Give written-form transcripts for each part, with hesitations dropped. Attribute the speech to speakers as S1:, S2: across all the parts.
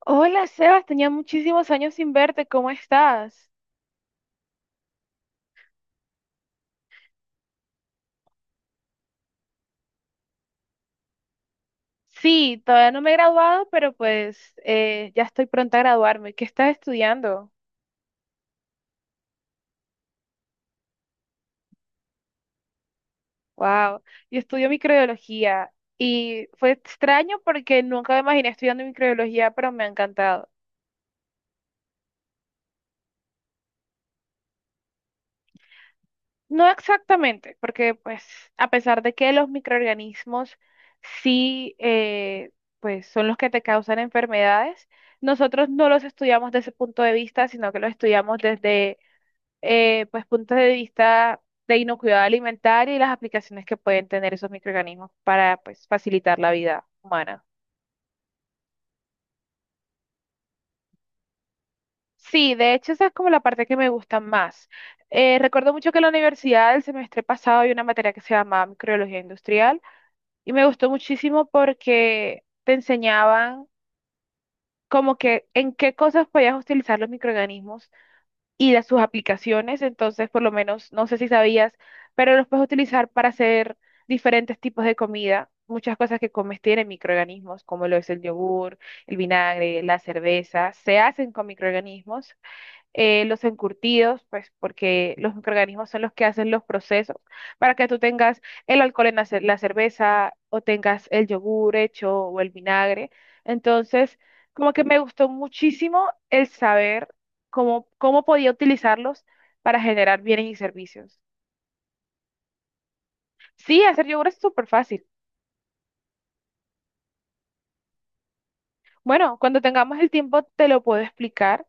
S1: Hola, Sebas, tenía muchísimos años sin verte, ¿cómo estás? Sí, todavía no me he graduado, pero pues ya estoy pronta a graduarme. ¿Qué estás estudiando? Wow, yo estudio microbiología y fue extraño porque nunca me imaginé estudiando microbiología, pero me ha encantado. No exactamente, porque pues a pesar de que los microorganismos sí pues son los que te causan enfermedades, nosotros no los estudiamos desde ese punto de vista, sino que los estudiamos desde pues puntos de vista de inocuidad alimentaria y las aplicaciones que pueden tener esos microorganismos para pues facilitar la vida humana. Sí, de hecho esa es como la parte que me gusta más. Recuerdo mucho que en la universidad el semestre pasado había una materia que se llamaba microbiología industrial y me gustó muchísimo porque te enseñaban como que en qué cosas podías utilizar los microorganismos y las, sus aplicaciones, entonces por lo menos, no sé si sabías, pero los puedes utilizar para hacer diferentes tipos de comida. Muchas cosas que comes tienen microorganismos, como lo es el yogur, el vinagre, la cerveza, se hacen con microorganismos, los encurtidos, pues porque los microorganismos son los que hacen los procesos para que tú tengas el alcohol en la, la cerveza o tengas el yogur hecho o el vinagre. Entonces, como que me gustó muchísimo el saber cómo podía utilizarlos para generar bienes y servicios. Sí, hacer yogur es súper fácil. Bueno, cuando tengamos el tiempo te lo puedo explicar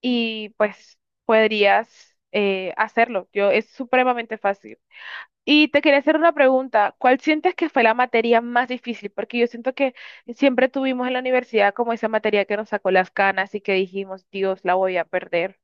S1: y pues podrías hacerlo. Yo, es supremamente fácil. Y te quería hacer una pregunta, ¿cuál sientes que fue la materia más difícil? Porque yo siento que siempre tuvimos en la universidad como esa materia que nos sacó las canas y que dijimos, Dios, la voy a perder.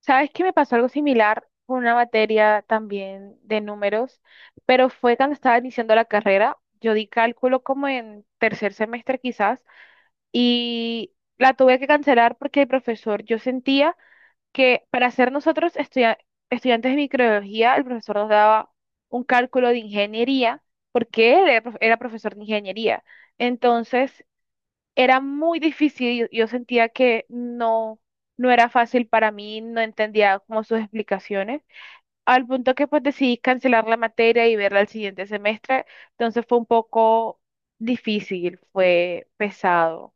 S1: ¿Sabes que me pasó algo similar con una materia también de números? Pero fue cuando estaba iniciando la carrera, yo di cálculo como en tercer semestre quizás y la tuve que cancelar porque el profesor, yo sentía que para ser nosotros estudiantes de microbiología, el profesor nos daba un cálculo de ingeniería, porque él era, era profesor de ingeniería. Entonces, era muy difícil, yo sentía que no, no era fácil para mí, no entendía como sus explicaciones, al punto que pues decidí cancelar la materia y verla el siguiente semestre, entonces fue un poco difícil, fue pesado.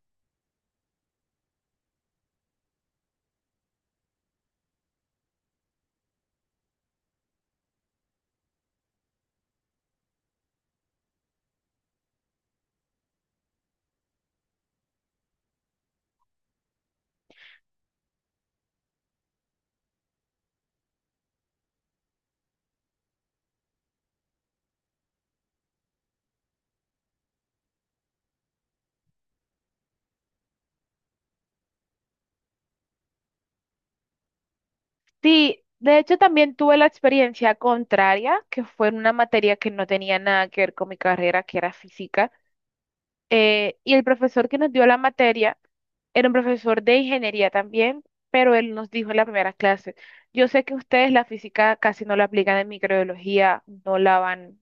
S1: Sí, de hecho también tuve la experiencia contraria, que fue en una materia que no tenía nada que ver con mi carrera, que era física. Y el profesor que nos dio la materia era un profesor de ingeniería también, pero él nos dijo en la primera clase, yo sé que ustedes la física casi no la aplican en microbiología, no la van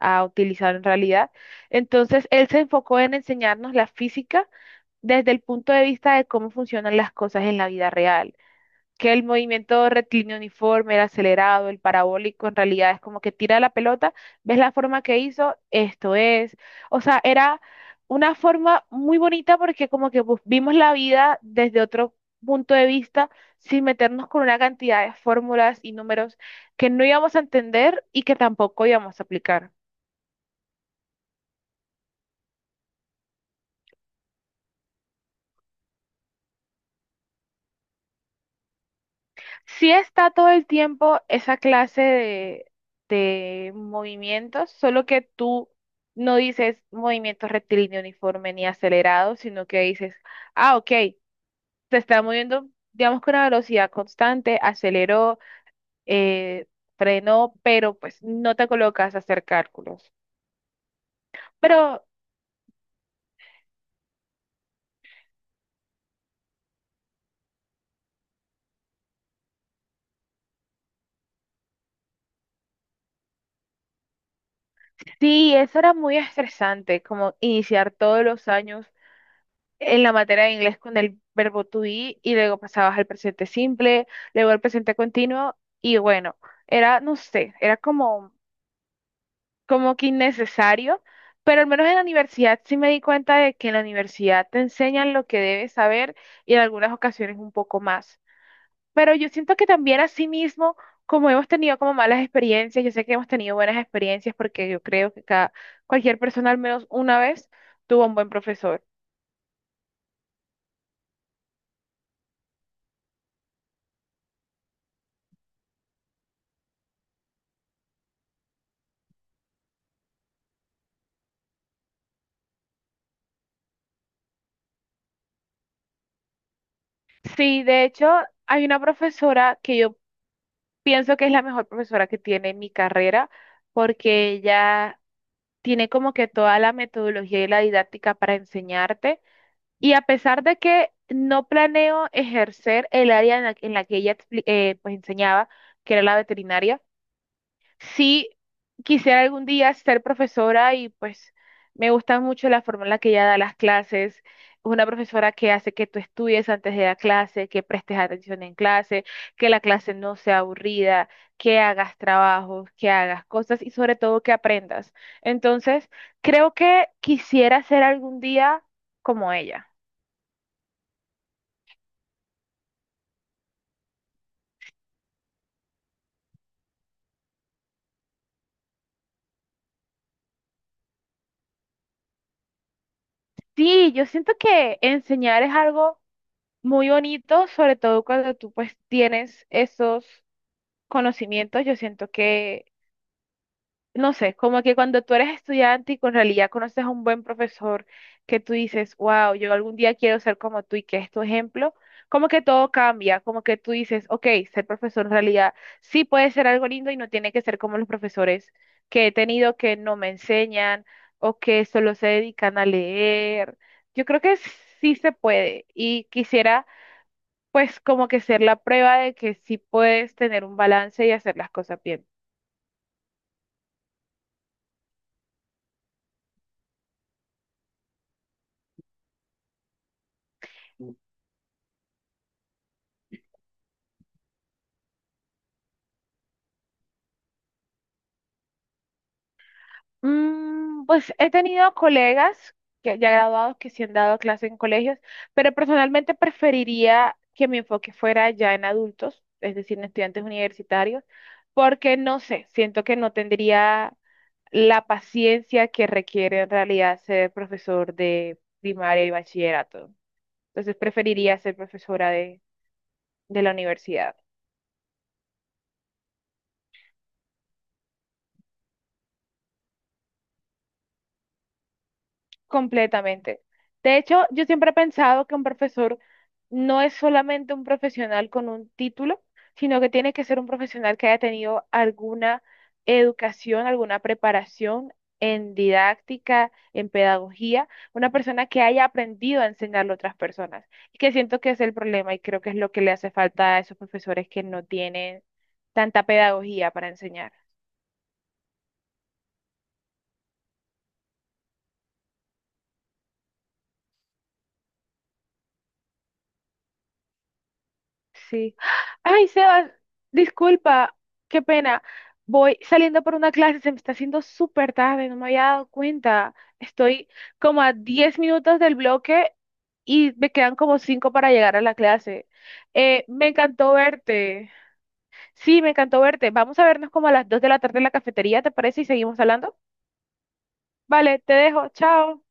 S1: a utilizar en realidad. Entonces, él se enfocó en enseñarnos la física desde el punto de vista de cómo funcionan las cosas en la vida real, que el movimiento rectilíneo uniforme, el acelerado, el parabólico, en realidad es como que tira la pelota, ves la forma que hizo, esto es. O sea, era una forma muy bonita porque como que pues, vimos la vida desde otro punto de vista, sin meternos con una cantidad de fórmulas y números que no íbamos a entender y que tampoco íbamos a aplicar. Sí, está todo el tiempo esa clase de movimientos, solo que tú no dices movimiento rectilíneo uniforme ni acelerado, sino que dices, ah, ok, se está moviendo, digamos, con una velocidad constante, aceleró, eh, frenó, pero pues no te colocas a hacer cálculos. Pero sí, eso era muy estresante, como iniciar todos los años en la materia de inglés con el verbo to be y luego pasabas al presente simple, luego al presente continuo y bueno, era, no sé, era como, como que innecesario, pero al menos en la universidad sí me di cuenta de que en la universidad te enseñan lo que debes saber y en algunas ocasiones un poco más. Pero yo siento que también asimismo, como hemos tenido como malas experiencias, yo sé que hemos tenido buenas experiencias porque yo creo que cualquier persona al menos una vez tuvo un buen profesor. Sí, de hecho, hay una profesora que yo pienso que es la mejor profesora que tiene mi carrera, porque ella tiene como que toda la metodología y la didáctica para enseñarte. Y a pesar de que no planeo ejercer el área en la que ella pues enseñaba, que era la veterinaria, sí, quisiera algún día ser profesora y pues me gusta mucho la forma en la que ella da las clases. Es una profesora que hace que tú estudies antes de la clase, que prestes atención en clase, que la clase no sea aburrida, que hagas trabajos, que hagas cosas y sobre todo que aprendas. Entonces, creo que quisiera ser algún día como ella. Sí, yo siento que enseñar es algo muy bonito, sobre todo cuando tú pues tienes esos conocimientos, yo siento que, no sé, como que cuando tú eres estudiante y con realidad conoces a un buen profesor que tú dices, wow, yo algún día quiero ser como tú y que es tu ejemplo, como que todo cambia, como que tú dices, ok, ser profesor en realidad sí puede ser algo lindo y no tiene que ser como los profesores que he tenido que no me enseñan o que solo se dedican a leer. Yo creo que sí se puede y quisiera pues como que ser la prueba de que sí puedes tener un balance y hacer las cosas bien. Mm, pues he tenido colegas que ya graduados que sí han dado clase en colegios, pero personalmente preferiría que mi enfoque fuera ya en adultos, es decir, en estudiantes universitarios, porque no sé, siento que no tendría la paciencia que requiere en realidad ser profesor de primaria y bachillerato. Entonces preferiría ser profesora de la universidad. Completamente. De hecho, yo siempre he pensado que un profesor no es solamente un profesional con un título, sino que tiene que ser un profesional que haya tenido alguna educación, alguna preparación en didáctica, en pedagogía, una persona que haya aprendido a enseñarle a otras personas. Y que siento que es el problema y creo que es lo que le hace falta a esos profesores que no tienen tanta pedagogía para enseñar. Sí. Ay, Sebas, disculpa, qué pena. Voy saliendo por una clase, se me está haciendo súper tarde, no me había dado cuenta. Estoy como a 10 minutos del bloque y me quedan como 5 para llegar a la clase. Me encantó verte. Sí, me encantó verte. Vamos a vernos como a las 2 de la tarde en la cafetería, ¿te parece? Y seguimos hablando. Vale, te dejo. Chao.